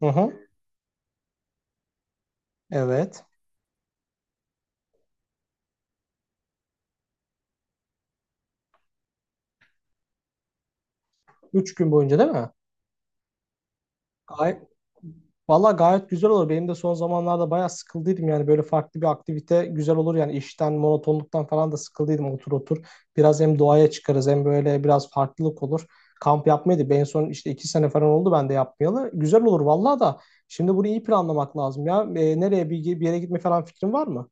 Hı hı. Evet. Üç gün boyunca değil mi? Gay Valla gayet güzel olur. Benim de son zamanlarda bayağı sıkıldıydım yani böyle farklı bir aktivite güzel olur yani işten monotonluktan falan da sıkıldıydım otur otur. Biraz hem doğaya çıkarız hem böyle biraz farklılık olur. Kamp yapmaydı. Ben en son işte iki sene falan oldu ben de yapmayalı. Güzel olur valla da. Şimdi bunu iyi planlamak lazım ya. Nereye bir yere gitme falan fikrin var mı?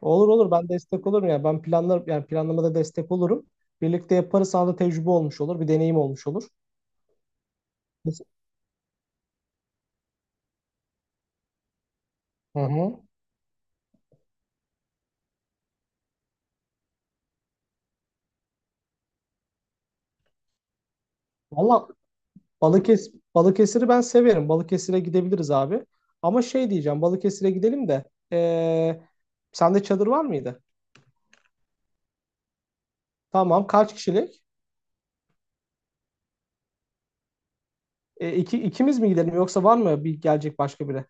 Olur olur, ben destek olurum ya. Ben yani planlamada destek olurum. Birlikte yaparız, sana da tecrübe olmuş olur. Bir deneyim olmuş olur. Biz- Hı hı. Valla Balıkesir'i ben severim. Balıkesir'e gidebiliriz abi. Ama şey diyeceğim, Balıkesir'e gidelim de ee, sende çadır var mıydı? Tamam, kaç kişilik? İki, ikimiz mi gidelim, yoksa var mı bir gelecek başka biri?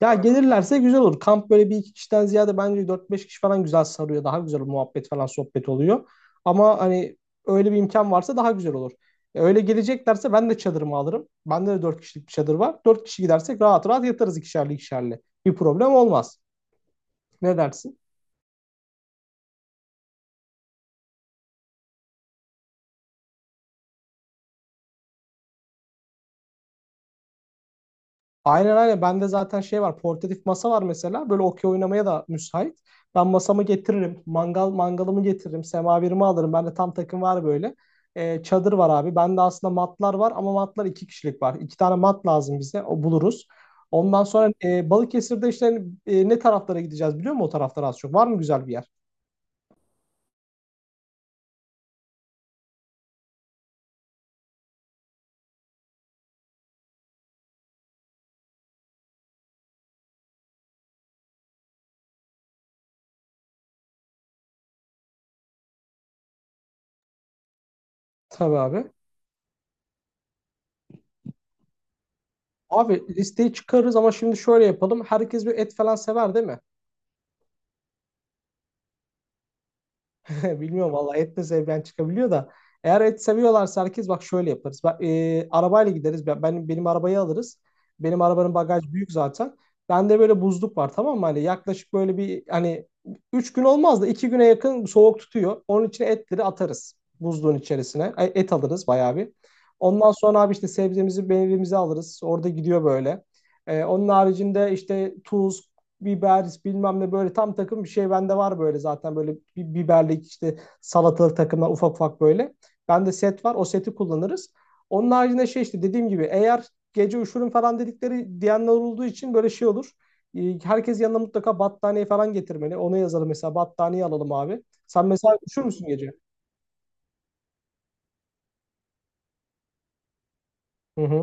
Ya gelirlerse güzel olur. Kamp böyle bir iki kişiden ziyade bence dört beş kişi falan güzel sarıyor. Daha güzel muhabbet falan sohbet oluyor. Ama hani öyle bir imkan varsa daha güzel olur. Öyle geleceklerse ben de çadırımı alırım. Bende de 4 kişilik bir çadır var. 4 kişi gidersek rahat rahat yatarız ikişerli ikişerli. Bir problem olmaz. Ne dersin? Aynen aynen. Bende zaten şey var. Portatif masa var mesela. Böyle okey oynamaya da müsait. Ben masamı getiririm. Mangalımı getiririm. Semaverimi alırım. Bende tam takım var böyle. Çadır var abi. Bende aslında matlar var ama matlar iki kişilik var. İki tane mat lazım bize. O buluruz. Ondan sonra Balıkesir'de işte hani, ne taraflara gideceğiz biliyor musun, o taraflara az çok? Var mı güzel bir yer? Tabii abi. Abi listeyi çıkarırız ama şimdi şöyle yapalım. Herkes bir et falan sever değil mi? Bilmiyorum valla, et de sevmeyen çıkabiliyor da. Eğer et seviyorlarsa, herkes bak şöyle yaparız. Bak, arabayla gideriz. Benim arabayı alırız. Benim arabanın bagaj büyük zaten. Bende böyle buzluk var tamam mı? Hani yaklaşık böyle bir hani 3 gün olmaz da 2 güne yakın soğuk tutuyor. Onun için etleri atarız buzluğun içerisine. Ay, et alırız bayağı bir. Ondan sonra abi işte sebzemizi, meyvemizi alırız. Orada gidiyor böyle. Onun haricinde işte tuz, biberis bilmem ne, böyle tam takım bir şey bende var, böyle zaten böyle biberlik işte salatalık takımlar ufak ufak böyle. Bende set var, o seti kullanırız. Onun haricinde şey işte, dediğim gibi eğer gece üşürüm falan dedikleri diyenler olduğu için böyle şey olur. Herkes yanına mutlaka battaniye falan getirmeli. Ona yazalım mesela, battaniye alalım abi. Sen mesela üşür müsün gece? Hı hı.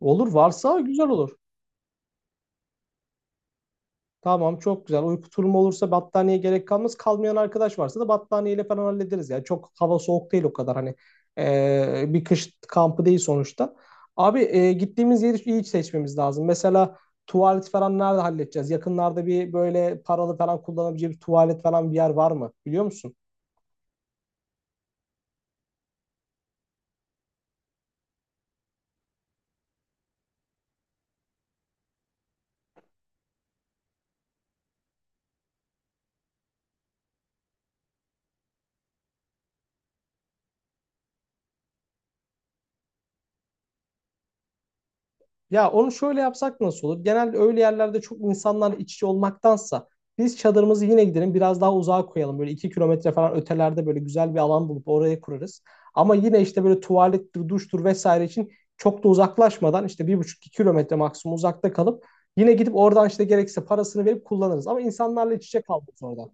Olur, varsa güzel olur. Tamam, çok güzel. Uyku turumu olursa battaniye gerek kalmaz. Kalmayan arkadaş varsa da battaniyeyle falan hallederiz ya. Çok hava soğuk değil o kadar hani. Bir kış kampı değil sonuçta. Abi gittiğimiz yeri iyi seçmemiz lazım. Mesela tuvalet falan nerede halledeceğiz? Yakınlarda bir böyle paralı falan kullanabileceği bir tuvalet falan bir yer var mı? Biliyor musun? Ya onu şöyle yapsak nasıl olur? Genelde öyle yerlerde çok insanlarla iç içe olmaktansa biz çadırımızı yine gidelim biraz daha uzağa koyalım. Böyle 2 kilometre falan ötelerde böyle güzel bir alan bulup oraya kurarız. Ama yine işte böyle tuvalettir, duştur vesaire için çok da uzaklaşmadan işte bir buçuk iki kilometre maksimum uzakta kalıp yine gidip oradan işte gerekirse parasını verip kullanırız. Ama insanlarla iç içe kaldık orada.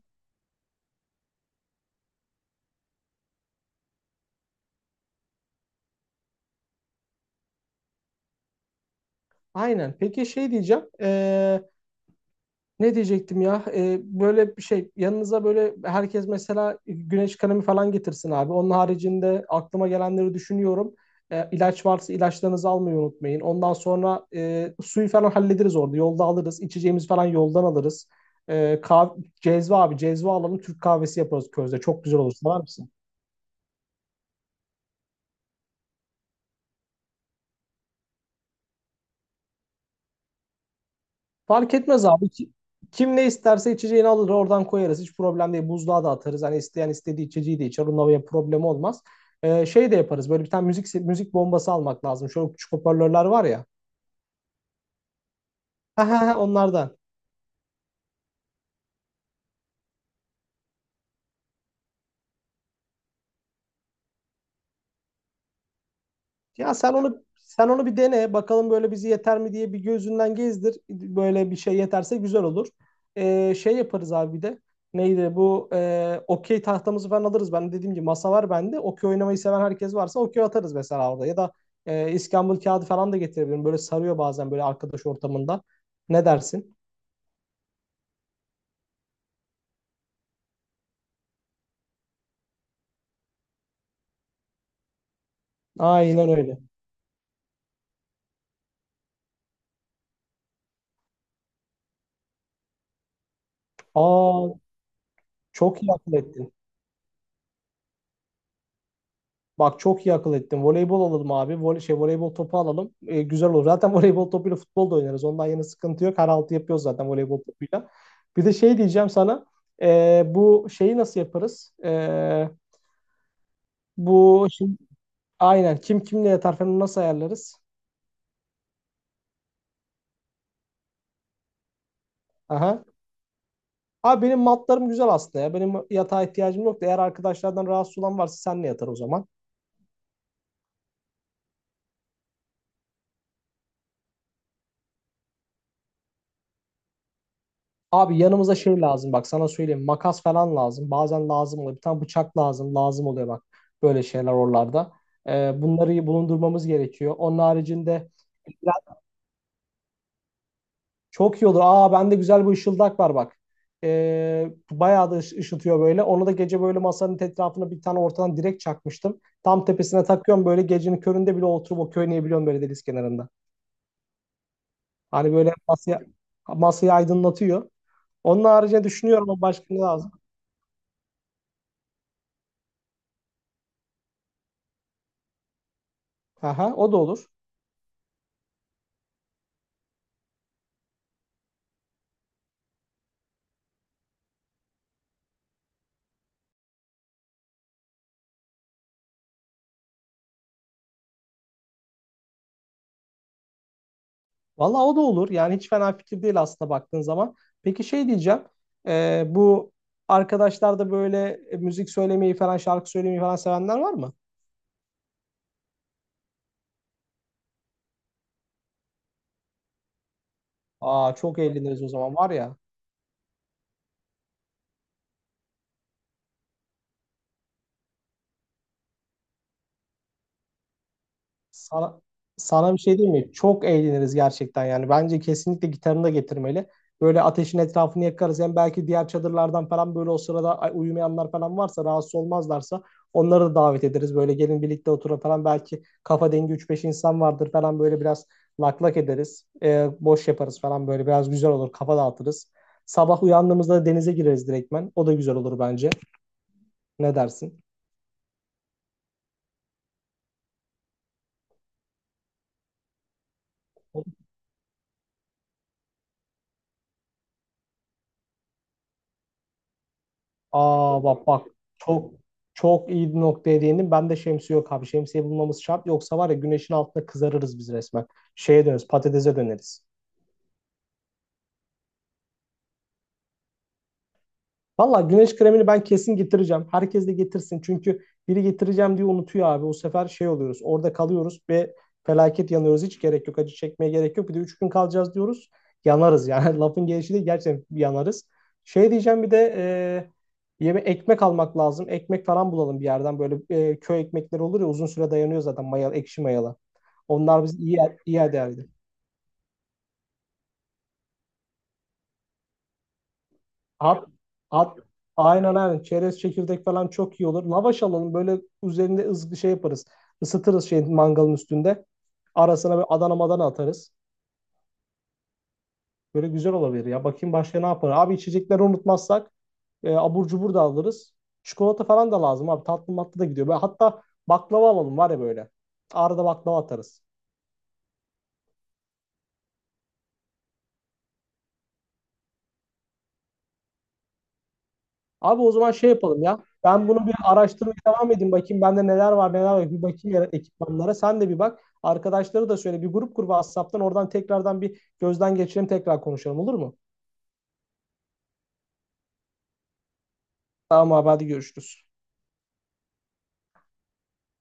Aynen. Peki şey diyeceğim. Ne diyecektim ya? Böyle bir şey, yanınıza böyle herkes mesela güneş kremi falan getirsin abi. Onun haricinde aklıma gelenleri düşünüyorum. İlaç varsa ilaçlarınızı almayı unutmayın. Ondan sonra suyu falan hallederiz orada. Yolda alırız. İçeceğimiz falan yoldan alırız. Ee, kah- cezve abi, cezve alalım. Türk kahvesi yaparız közde. Çok güzel olur. Sever misin? Fark etmez abi. Kim ne isterse içeceğini alır, oradan koyarız. Hiç problem değil. Buzluğa da atarız. Hani isteyen istediği içeceği de içer. Onunla bir problem olmaz. Şey de yaparız. Böyle bir tane müzik bombası almak lazım. Şöyle küçük hoparlörler var ya. Ha ha ha, onlardan. Ya sen onu bir dene bakalım, böyle bizi yeter mi diye bir gözünden gezdir. Böyle bir şey yeterse güzel olur. Şey yaparız abi bir de. Neydi bu okey tahtamızı falan alırız. Ben dediğim gibi masa var bende. Okey oynamayı seven herkes varsa okey atarız mesela orada. Ya da iskambil kağıdı falan da getirebilirim. Böyle sarıyor bazen böyle arkadaş ortamında. Ne dersin? Aynen öyle. Aa, çok iyi akıl ettin. Bak, çok iyi akıl ettin. Voleybol alalım abi. Voleybol topu alalım. Güzel olur. Zaten voleybol topuyla futbol da oynarız. Ondan yana sıkıntı yok. Her altı yapıyoruz zaten voleybol topuyla. Bir de şey diyeceğim sana. Bu şeyi nasıl yaparız? Bu şimdi, aynen kim kimle yatar falan nasıl ayarlarız? Aha. Abi benim matlarım güzel aslında ya. Benim yatağa ihtiyacım yok da, eğer arkadaşlardan rahatsız olan varsa senle yatar o zaman. Abi yanımıza şey lazım, bak sana söyleyeyim, makas falan lazım. Bazen lazım oluyor. Bir tane bıçak lazım. Lazım oluyor bak. Böyle şeyler oralarda. Bunları iyi bulundurmamız gerekiyor. Onun haricinde çok iyi olur. Aa, bende güzel bir ışıldak var bak. Bayağı da ışıtıyor böyle. Onu da gece böyle masanın etrafına bir tane ortadan direkt çakmıştım. Tam tepesine takıyorum böyle, gecenin köründe bile oturup o oynayabiliyorum böyle deniz kenarında. Hani böyle masayı aydınlatıyor. Onun haricinde düşünüyorum o, başka ne lazım. Aha, o da olur. Vallahi o da olur. Yani hiç fena fikir değil aslında baktığın zaman. Peki şey diyeceğim. Bu arkadaşlar da böyle müzik söylemeyi falan, şarkı söylemeyi falan sevenler var mı? Aa, çok eğleniriz o zaman var ya. Sana, sana bir şey diyeyim mi? Çok eğleniriz gerçekten yani. Bence kesinlikle gitarını da getirmeli. Böyle ateşin etrafını yakarız. Hem belki diğer çadırlardan falan böyle o sırada uyumayanlar falan varsa, rahatsız olmazlarsa onları da davet ederiz. Böyle gelin birlikte oturun falan. Belki kafa dengi üç beş insan vardır falan, böyle biraz lak lak ederiz. Boş yaparız falan, böyle biraz güzel olur. Kafa dağıtırız. Sabah uyandığımızda denize gireriz direktmen. O da güzel olur bence. Ne dersin? Aa bak bak, çok çok iyi bir noktaya değindin. Ben de şemsiye yok abi. Şemsiye bulmamız şart. Yoksa var ya, güneşin altında kızarırız biz resmen. Şeye döneriz, patatese döneriz. Valla güneş kremini ben kesin getireceğim. Herkes de getirsin. Çünkü biri getireceğim diye unutuyor abi. O sefer şey oluyoruz. Orada kalıyoruz ve felaket yanıyoruz. Hiç gerek yok. Acı çekmeye gerek yok. Bir de 3 gün kalacağız diyoruz. Yanarız yani. Lafın gelişi de gerçekten yanarız. Şey diyeceğim bir de yeme ekmek almak lazım. Ekmek falan bulalım bir yerden. Böyle köy ekmekleri olur ya, uzun süre dayanıyor zaten mayalı, ekşi mayalı. Onlar biz iyi ederdi. At, at, aynen aynen. Çerez çekirdek falan çok iyi olur. Lavaş alalım. Böyle üzerinde ızgı şey yaparız. Isıtırız şey mangalın üstünde. Arasına böyle Adana madana atarız. Böyle güzel olabilir ya. Bakayım başka ne yapar. Abi içecekleri unutmazsak abur cubur da alırız. Çikolata falan da lazım abi. Tatlı matlı da gidiyor. Böyle hatta baklava alalım var ya böyle. Arada baklava atarız. Abi o zaman şey yapalım ya. Ben bunu bir araştırmaya devam edeyim. Bakayım bende neler var neler var. Bir bakayım ya ekipmanlara. Sen de bir bak. Arkadaşları da söyle. Bir grup kur WhatsApp'tan. Oradan tekrardan bir gözden geçirelim. Tekrar konuşalım olur mu? Tamam abi, hadi görüşürüz.